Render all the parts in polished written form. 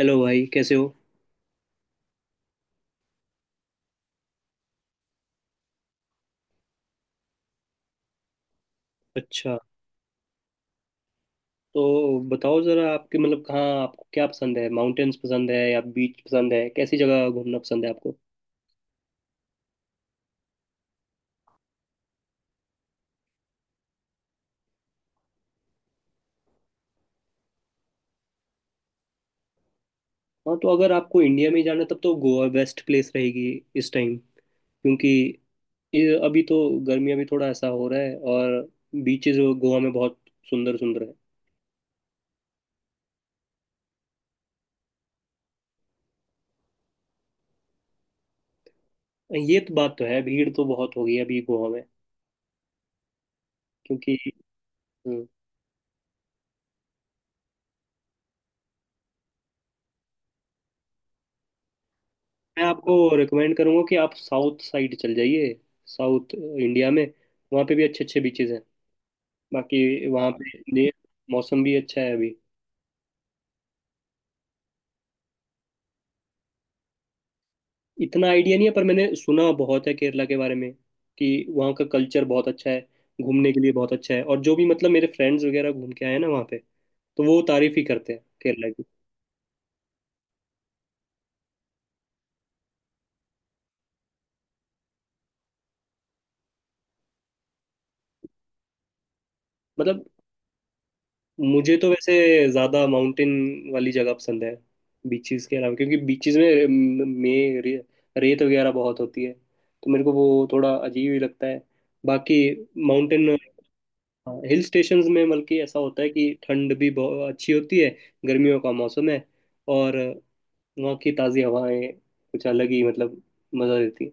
Hello भाई, कैसे हो? अच्छा। तो बताओ जरा, आपके मतलब कहाँ, आपको क्या पसंद है? माउंटेन्स पसंद है या बीच पसंद है? कैसी जगह घूमना पसंद है आपको? हाँ, तो अगर आपको इंडिया में ही जाना है, तब तो गोवा बेस्ट प्लेस रहेगी इस टाइम। क्योंकि अभी तो गर्मियाँ भी थोड़ा ऐसा हो रहा है, और बीचेस गोवा में बहुत सुंदर सुंदर है। ये तो बात तो है, भीड़ तो बहुत हो गई है अभी गोवा में। क्योंकि। हम्म। मैं आपको रिकमेंड करूंगा कि आप साउथ साइड चल जाइए, साउथ इंडिया में। वहाँ पे भी अच्छे अच्छे बीचेस हैं। बाकी वहाँ पे मौसम भी अच्छा है अभी। इतना आइडिया नहीं है पर मैंने सुना बहुत है केरला के बारे में, कि वहाँ का कल्चर बहुत अच्छा है, घूमने के लिए बहुत अच्छा है। और जो भी मतलब मेरे फ्रेंड्स वगैरह घूम के आए हैं ना वहाँ पे, तो वो तारीफ ही करते हैं केरला की। मतलब मुझे तो वैसे ज़्यादा माउंटेन वाली जगह पसंद है, बीचेस के अलावा, क्योंकि बीचेस में रेत वगैरह बहुत होती है, तो मेरे को वो थोड़ा अजीब ही लगता है। बाकी माउंटेन। हाँ, हिल स्टेशंस में बल्कि ऐसा होता है कि ठंड भी बहुत अच्छी होती है, गर्मियों का मौसम है। और वहाँ की ताज़ी हवाएं कुछ अलग ही मतलब मज़ा देती है।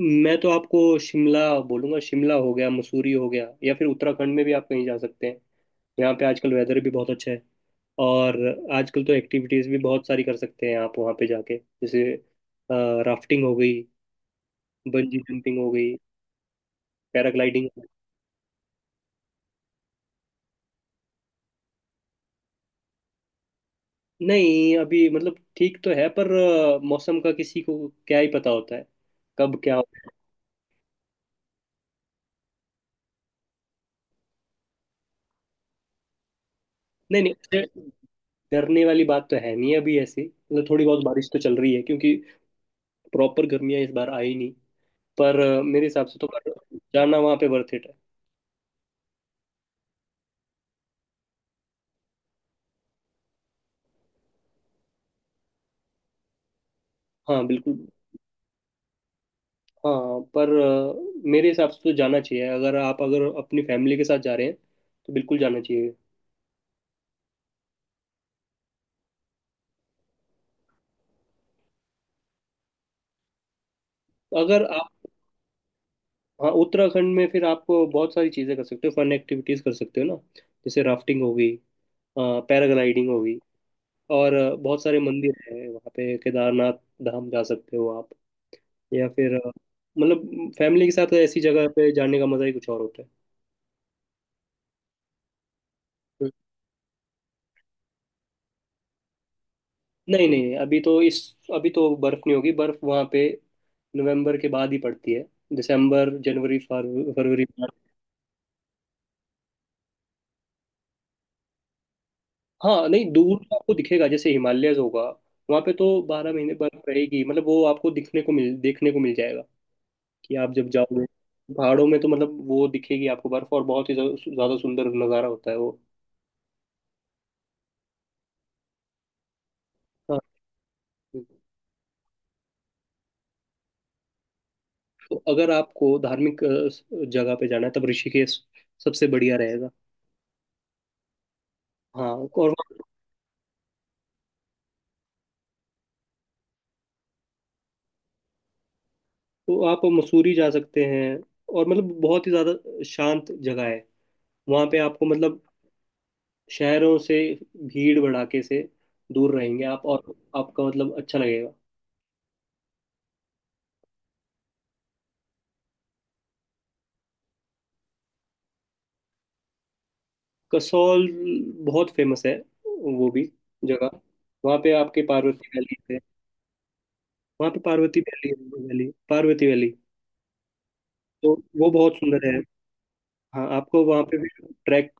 मैं तो आपको शिमला बोलूँगा। शिमला हो गया, मसूरी हो गया, या फिर उत्तराखंड में भी आप कहीं जा सकते हैं। यहाँ पे आजकल वेदर भी बहुत अच्छा है। और आजकल तो एक्टिविटीज़ भी बहुत सारी कर सकते हैं आप वहाँ पे जाके, जैसे राफ्टिंग हो गई, बंजी जंपिंग हो गई, पैराग्लाइडिंग। नहीं, अभी मतलब ठीक तो है, पर मौसम का किसी को क्या ही पता होता है, कब क्या होता है। नहीं नहीं, उससे डरने वाली बात तो है नहीं, अभी ऐसी मतलब थोड़ी बहुत बारिश तो चल रही है, क्योंकि प्रॉपर गर्मियाँ इस बार आई नहीं। पर मेरे हिसाब से तो, पर जाना वहाँ पे वर्थ इट है। हाँ बिल्कुल। हाँ, पर मेरे हिसाब से तो जाना चाहिए, अगर आप, अगर अपनी फैमिली के साथ जा रहे हैं, तो बिल्कुल जाना चाहिए। अगर आप। हाँ, उत्तराखंड में फिर आप बहुत सारी चीज़ें कर सकते हो, फन एक्टिविटीज़ कर सकते हो ना। जैसे राफ्टिंग हो गई, पैराग्लाइडिंग हो गई। और बहुत सारे मंदिर हैं वहाँ पे, केदारनाथ धाम जा सकते हो आप। या फिर मतलब फैमिली के साथ ऐसी जगह पे जाने का मजा ही कुछ और होता है। हम्म। नहीं नहीं, अभी तो इस, अभी तो बर्फ नहीं होगी। बर्फ वहाँ पे नवंबर के बाद ही पड़ती है, दिसंबर जनवरी फरवरी मार्च। हाँ नहीं, दूर तो आपको दिखेगा, जैसे हिमालयज होगा, वहाँ पे तो बारह महीने बर्फ रहेगी। मतलब वो आपको दिखने को मिल, देखने को मिल जाएगा कि आप जब जाओगे। पहाड़ों में तो मतलब वो दिखेगी आपको बर्फ, और बहुत ही ज्यादा सुंदर नज़ारा होता है वो। हाँ, तो अगर आपको धार्मिक जगह पे जाना है, तब ऋषिकेश सबसे बढ़िया रहेगा। हाँ। तो आप मसूरी जा सकते हैं। और मतलब बहुत ही ज़्यादा शांत जगह है। वहाँ पे आपको मतलब शहरों से, भीड़ भड़ाके से दूर रहेंगे आप, और आपका मतलब अच्छा लगेगा। कसौल बहुत फेमस है, वो भी जगह। वहाँ पे आपके पार्वती वैली है। वहाँ पे पार्वती वैली है, वो वैली पार्वती वैली। तो वो बहुत सुंदर है। हाँ, आपको वहाँ पे भी ट्रैक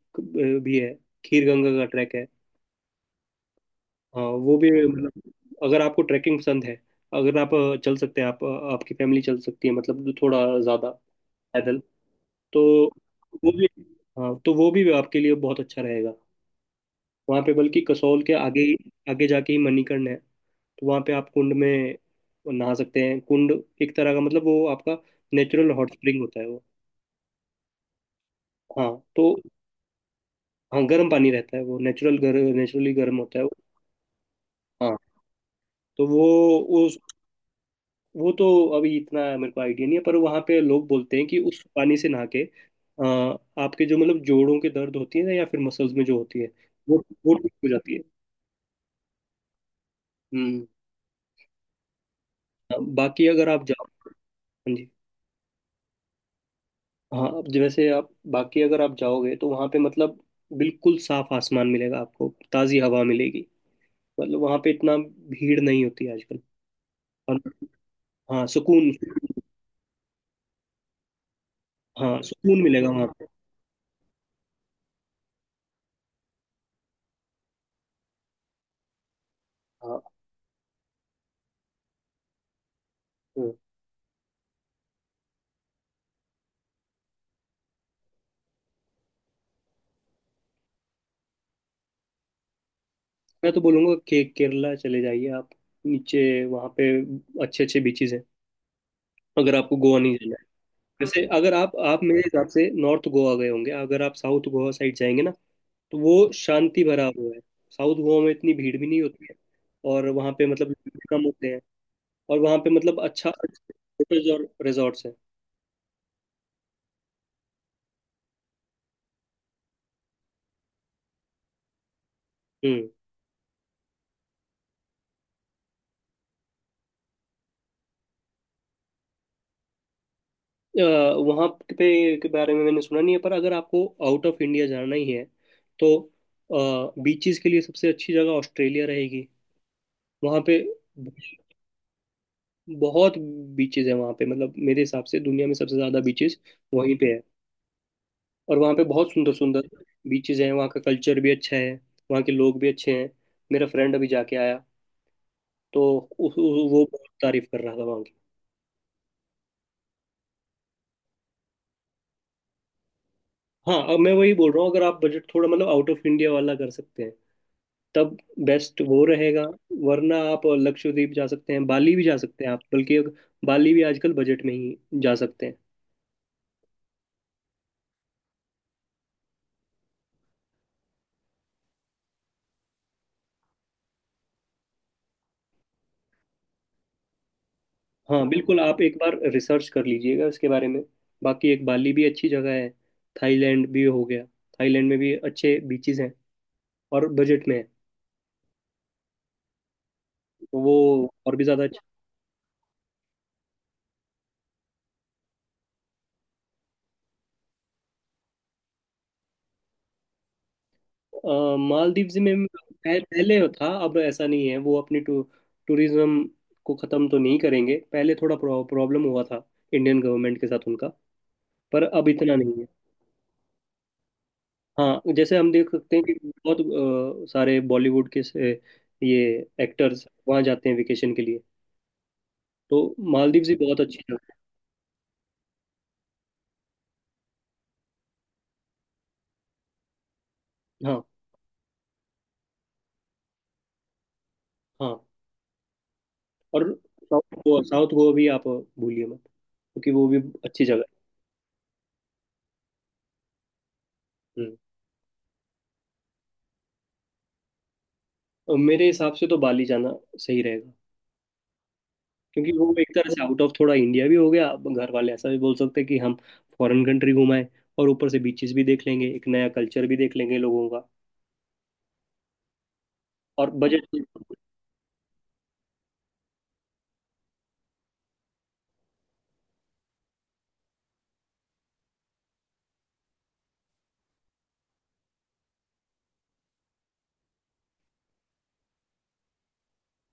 भी है। खीर गंगा का ट्रैक है। हाँ वो भी मतलब, अगर आपको ट्रैकिंग पसंद है, अगर आप चल सकते हैं आप, आपकी फैमिली चल सकती है, मतलब थोड़ा ज़्यादा पैदल। तो वो भी। हाँ, तो वो भी आपके लिए बहुत अच्छा रहेगा। वहाँ पे बल्कि कसौल के आगे ही, आगे जाके ही मणिकर्ण है। तो वहाँ पे आप कुंड में नहा सकते हैं। कुंड एक तरह का मतलब वो आपका नेचुरल हॉट स्प्रिंग होता है वो। हाँ। तो हाँ, गर्म पानी रहता है, वो नेचुरल गर नेचुरली गर्म होता है वो। हाँ। तो वो, उस। वो तो अभी इतना मेरे को आइडिया नहीं है, पर वहाँ पे लोग बोलते हैं कि उस पानी से नहा के आपके जो मतलब जोड़ों के दर्द होती है ना, या फिर मसल्स में जो होती है, वो वो ठीक हो जाती है। हम्म। हाँ, बाकी अगर आप जाओ। हाँ जी। हाँ, अब जैसे आप बाकी अगर आप जाओगे, तो वहाँ पे मतलब बिल्कुल साफ आसमान मिलेगा आपको, ताज़ी हवा मिलेगी। मतलब वहाँ पे इतना भीड़ नहीं होती आजकल। और। हाँ सुकून। हाँ सुकून मिलेगा वहाँ पे। हाँ। हम्म। मैं तो बोलूंगा के केरला चले जाइए आप, नीचे वहाँ पे अच्छे अच्छे बीचेस हैं, अगर आपको गोवा नहीं जाना है। वैसे अगर आप, आप मेरे हिसाब से नॉर्थ गोवा गए होंगे। अगर आप साउथ गोवा साइड जाएंगे ना, तो वो शांति भरा हुआ है। साउथ गोवा में इतनी भीड़ भी नहीं होती है। और वहाँ पे मतलब लोग भी कम होते हैं। और वहाँ पे मतलब अच्छा होटल्स और रिजॉर्ट्स हैं। हम्म। अ, वहाँ पे के बारे में मैंने सुना नहीं है, पर अगर आपको आउट ऑफ इंडिया जाना ही है, तो बीचेस के लिए सबसे अच्छी जगह ऑस्ट्रेलिया रहेगी। वहाँ पे बहुत बीचेस है, वहाँ पे मतलब मेरे हिसाब से दुनिया में सबसे ज़्यादा बीचेस वहीं पे है। और वहाँ पे बहुत सुंदर सुंदर बीचेस हैं। वहाँ का कल्चर भी अच्छा है, वहाँ के लोग भी अच्छे हैं। मेरा फ्रेंड अभी जाके आया, तो उ, उ, वो बहुत तारीफ कर रहा था वहाँ की। हाँ, अब मैं वही बोल रहा हूँ, अगर आप बजट थोड़ा मतलब आउट ऑफ इंडिया वाला कर सकते हैं, तब बेस्ट वो रहेगा। वरना आप लक्षद्वीप जा सकते हैं, बाली भी जा सकते हैं आप। बल्कि अब बाली भी आजकल बजट में ही जा सकते हैं। हाँ बिल्कुल, आप एक बार रिसर्च कर लीजिएगा इसके बारे में। बाकी एक बाली भी अच्छी जगह है। थाईलैंड भी हो गया, थाईलैंड में भी अच्छे बीचेस हैं, और बजट में है। तो वो और भी ज़्यादा अच्छा। मालदीव्स में पहले था, अब ऐसा नहीं है। वो अपनी टूरिज्म को ख़त्म तो नहीं करेंगे। पहले थोड़ा प्रॉब्लम हुआ था इंडियन गवर्नमेंट के साथ उनका, पर अब इतना नहीं है। हाँ, जैसे हम देख सकते हैं कि बहुत सारे बॉलीवुड के से ये एक्टर्स वहाँ जाते हैं वेकेशन के लिए। तो मालदीव्स भी बहुत अच्छी जगह है। हाँ। हाँ और साउथ गोवा, साउथ गोवा भी आप भूलिए मत, क्योंकि वो भी अच्छी जगह है। हम्म। और मेरे हिसाब से तो बाली जाना सही रहेगा। क्योंकि वो एक तरह से आउट ऑफ थोड़ा इंडिया भी हो गया, अब घर वाले ऐसा भी बोल सकते हैं कि हम फॉरेन कंट्री घुमाएं, और ऊपर से बीचेस भी देख लेंगे, एक नया कल्चर भी देख लेंगे लोगों का। और बजट।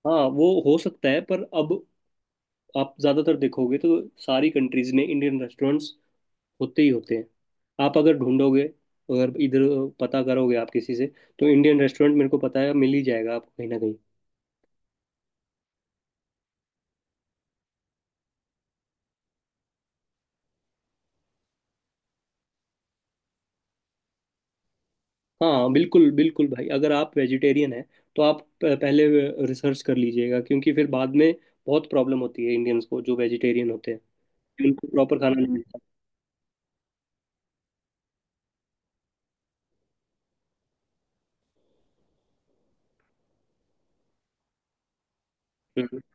हाँ, वो हो सकता है, पर अब आप ज़्यादातर देखोगे तो सारी कंट्रीज़ में इंडियन रेस्टोरेंट्स होते ही होते हैं। आप अगर ढूंढोगे, अगर इधर पता करोगे आप किसी से, तो इंडियन रेस्टोरेंट मेरे को पता है मिल ही जाएगा आपको कहीं ना कहीं। हाँ बिल्कुल बिल्कुल भाई, अगर आप वेजिटेरियन हैं, तो आप पहले रिसर्च कर लीजिएगा, क्योंकि फिर बाद में बहुत प्रॉब्लम होती है इंडियंस को जो वेजिटेरियन होते हैं, उनको प्रॉपर खाना नहीं मिलता।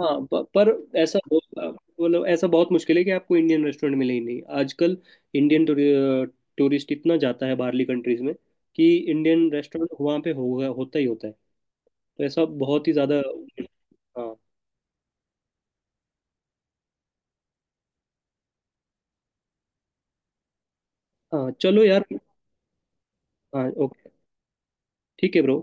हाँ पर ऐसा बहुत- मतलब ऐसा बहुत मुश्किल है कि आपको इंडियन रेस्टोरेंट मिले ही नहीं आजकल। इंडियन टूरिस्ट इतना जाता है बाहरली कंट्रीज में, कि इंडियन रेस्टोरेंट वहाँ पे होगा होता ही होता है। तो ऐसा बहुत ही ज़्यादा। हाँ। हाँ चलो यार। हाँ ओके। ठीक है ब्रो।